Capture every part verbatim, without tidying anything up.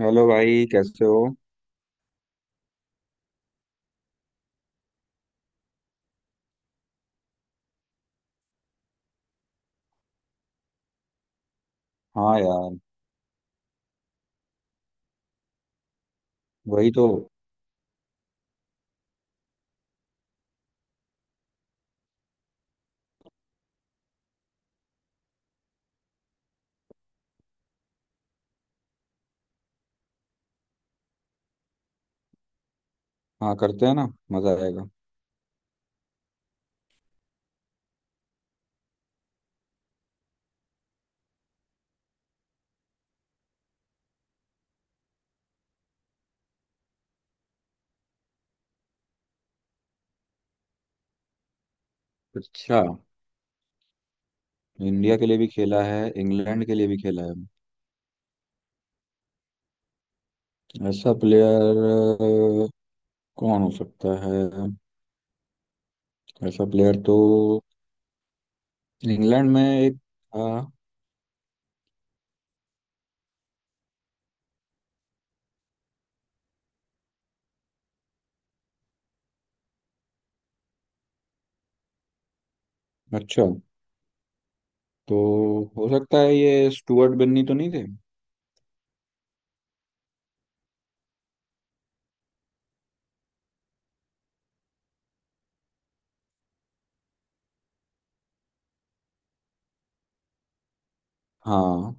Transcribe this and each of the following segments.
Hello भाई, कैसे हो। हाँ यार। वही तो। हाँ, करते हैं ना। मजा आएगा। अच्छा। इंडिया के लिए भी खेला है, इंग्लैंड के लिए भी खेला है। ऐसा प्लेयर कौन हो सकता है? ऐसा प्लेयर तो इंग्लैंड में एक था। अच्छा, तो हो सकता है ये स्टुअर्ट बिन्नी तो नहीं थे। हाँ।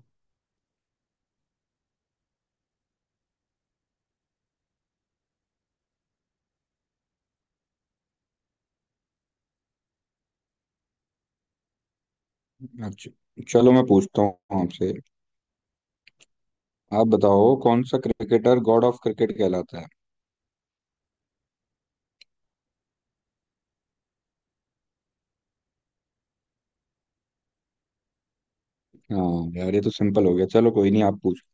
अच्छा, चलो मैं पूछता हूँ आपसे। आप बताओ, कौन सा क्रिकेटर गॉड ऑफ क्रिकेट कहलाता है। हाँ यार, ये तो सिंपल हो गया। चलो कोई नहीं, आप पूछो।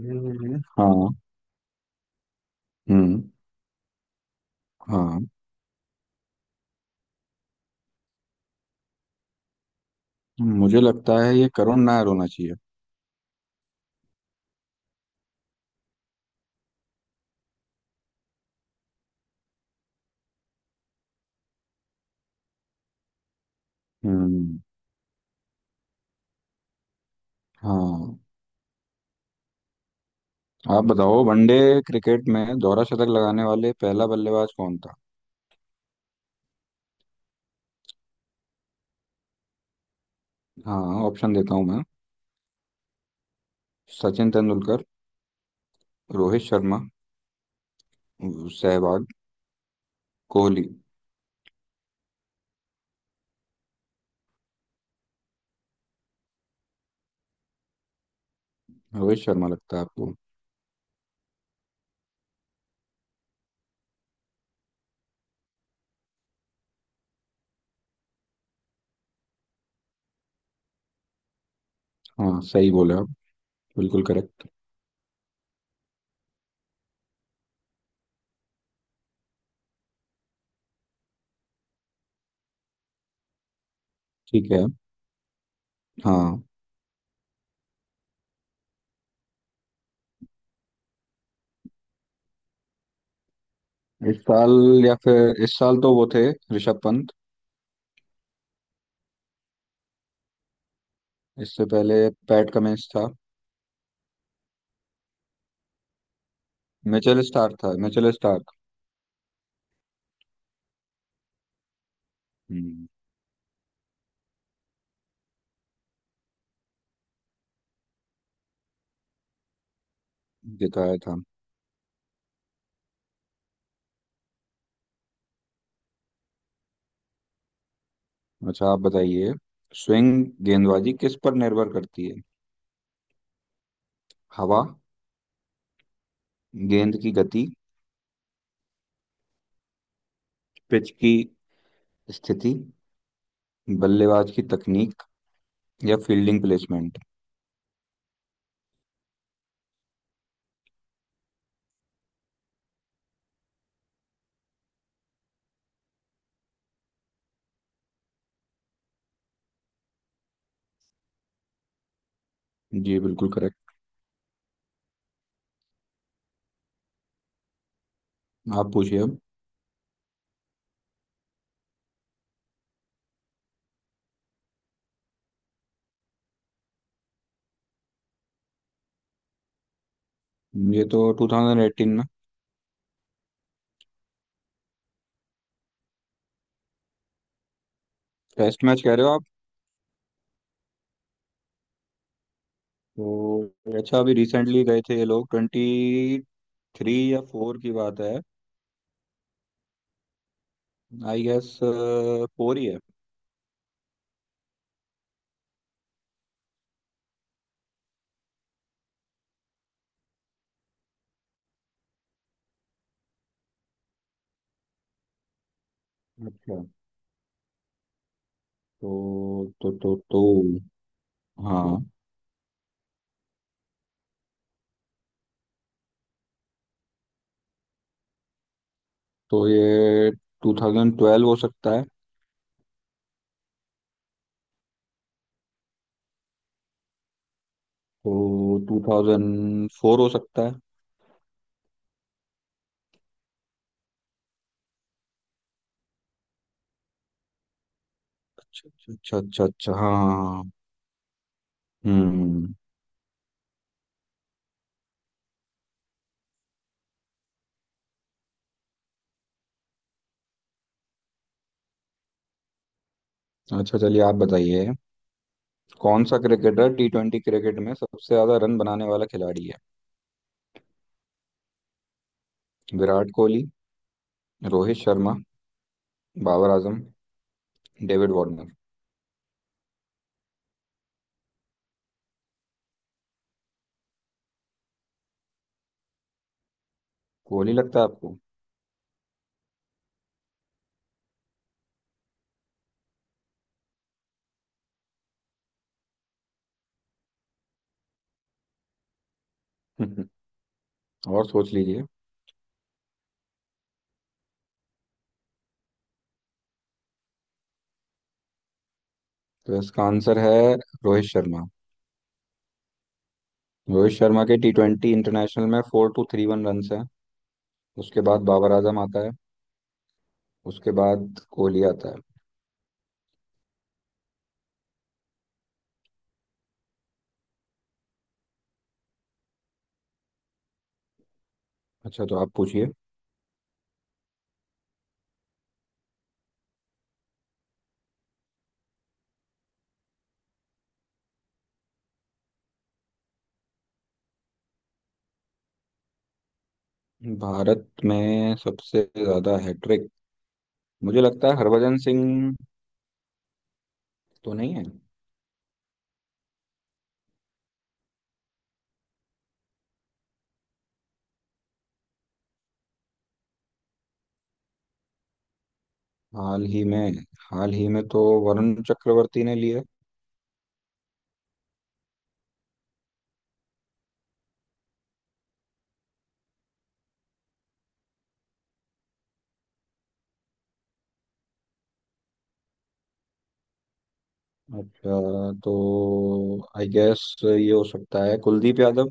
हम्म, हाँ। हम्म। हाँ। मुझे लगता है ये करुण नायर होना चाहिए। हम्म। हाँ। आप बताओ, वनडे क्रिकेट में दोहरा शतक लगाने वाले पहला बल्लेबाज कौन था। हाँ, ऑप्शन देता हूँ मैं। सचिन तेंदुलकर, रोहित शर्मा, सहवाग, कोहली। रोहित शर्मा लगता है आपको? हाँ, सही बोले आप। बिल्कुल करेक्ट। ठीक है। हाँ, इस साल, या फिर इस साल तो वो थे ऋषभ पंत। इससे पहले पैट कमिंस था। मिचेल स्टार्क था, मिचेल स्टार्क। हम्म। दिखाया था। अच्छा, आप बताइए, स्विंग गेंदबाजी किस पर निर्भर करती है। हवा, गेंद की गति, पिच की स्थिति, बल्लेबाज की तकनीक, या फील्डिंग प्लेसमेंट। जी बिल्कुल करेक्ट। आप पूछिए अब। ये तो ट्वेंटी एटीन में। टेस्ट मैच कह रहे हो आप? तो अच्छा, अभी रिसेंटली गए थे ये लोग, ट्वेंटी थ्री या फोर की बात है। आई गेस फोर ही है। अच्छा। तो तो तो तो हाँ, तो ये ट्वेंटी ट्वेल्व हो सकता है। तो ट्वेंटी ओ फोर हो सकता है। अच्छा अच्छा अच्छा अच्छा। हाँ हाँ, हाँ, हम्म। अच्छा, चलिए आप बताइए, कौन सा क्रिकेटर टी ट्वेंटी क्रिकेट में सबसे ज्यादा रन बनाने वाला खिलाड़ी है। Virat Kohli, Rohit Sharma, Babar Azam, David Warner. कोहली लगता है आपको? और सोच लीजिए। तो इसका आंसर है रोहित शर्मा। रोहित शर्मा के टी ट्वेंटी इंटरनेशनल में four two three one run है। उसके बाद बाबर आजम आता है। उसके बाद कोहली आता है। अच्छा, तो आप पूछिए। भारत में सबसे ज्यादा हैट्रिक, मुझे लगता है हरभजन सिंह, तो नहीं है। हाल ही में? हाल ही में तो वरुण चक्रवर्ती ने लिए। अच्छा, तो आई गेस ये हो सकता है कुलदीप यादव।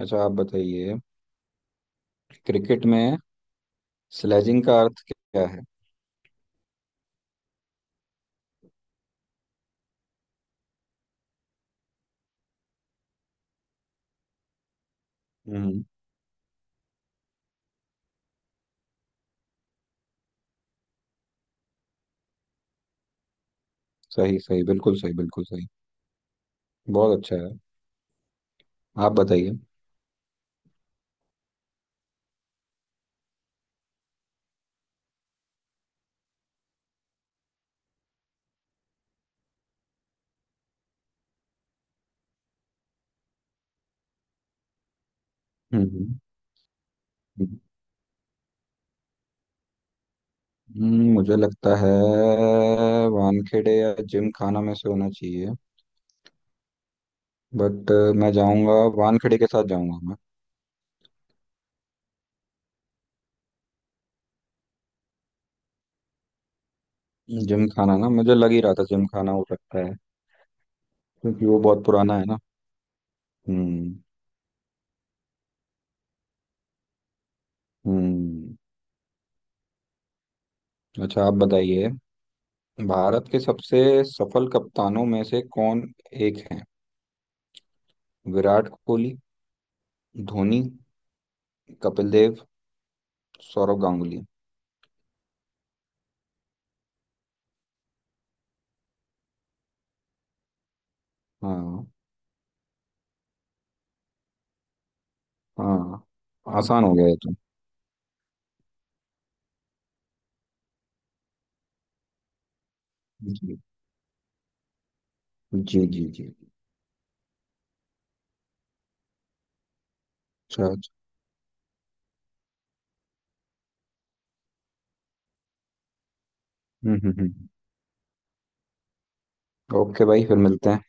अच्छा आप बताइए, क्रिकेट में स्लेजिंग का अर्थ क्या है। हम्म। सही सही, बिल्कुल सही, बिल्कुल सही। बहुत अच्छा है। आप बताइए। हम्म हम्म हम्म, मुझे लगता है वानखेड़े या जिम खाना में से होना चाहिए। बट मैं जाऊंगा, वानखेड़े के साथ जाऊंगा मैं। जिम खाना, ना मुझे लग ही रहा था जिम खाना हो सकता है। क्योंकि वो बहुत पुराना है ना। हम्म। हम्म। अच्छा आप बताइए, भारत के सबसे सफल कप्तानों में से कौन एक है। विराट कोहली, धोनी, कपिल देव, सौरव गांगुली। हाँ। हाँ, आसान हो गया ये तो। जी। जी जी जी। अच्छा अच्छा। हम्म हम्म हम्म। ओके भाई, फिर मिलते हैं।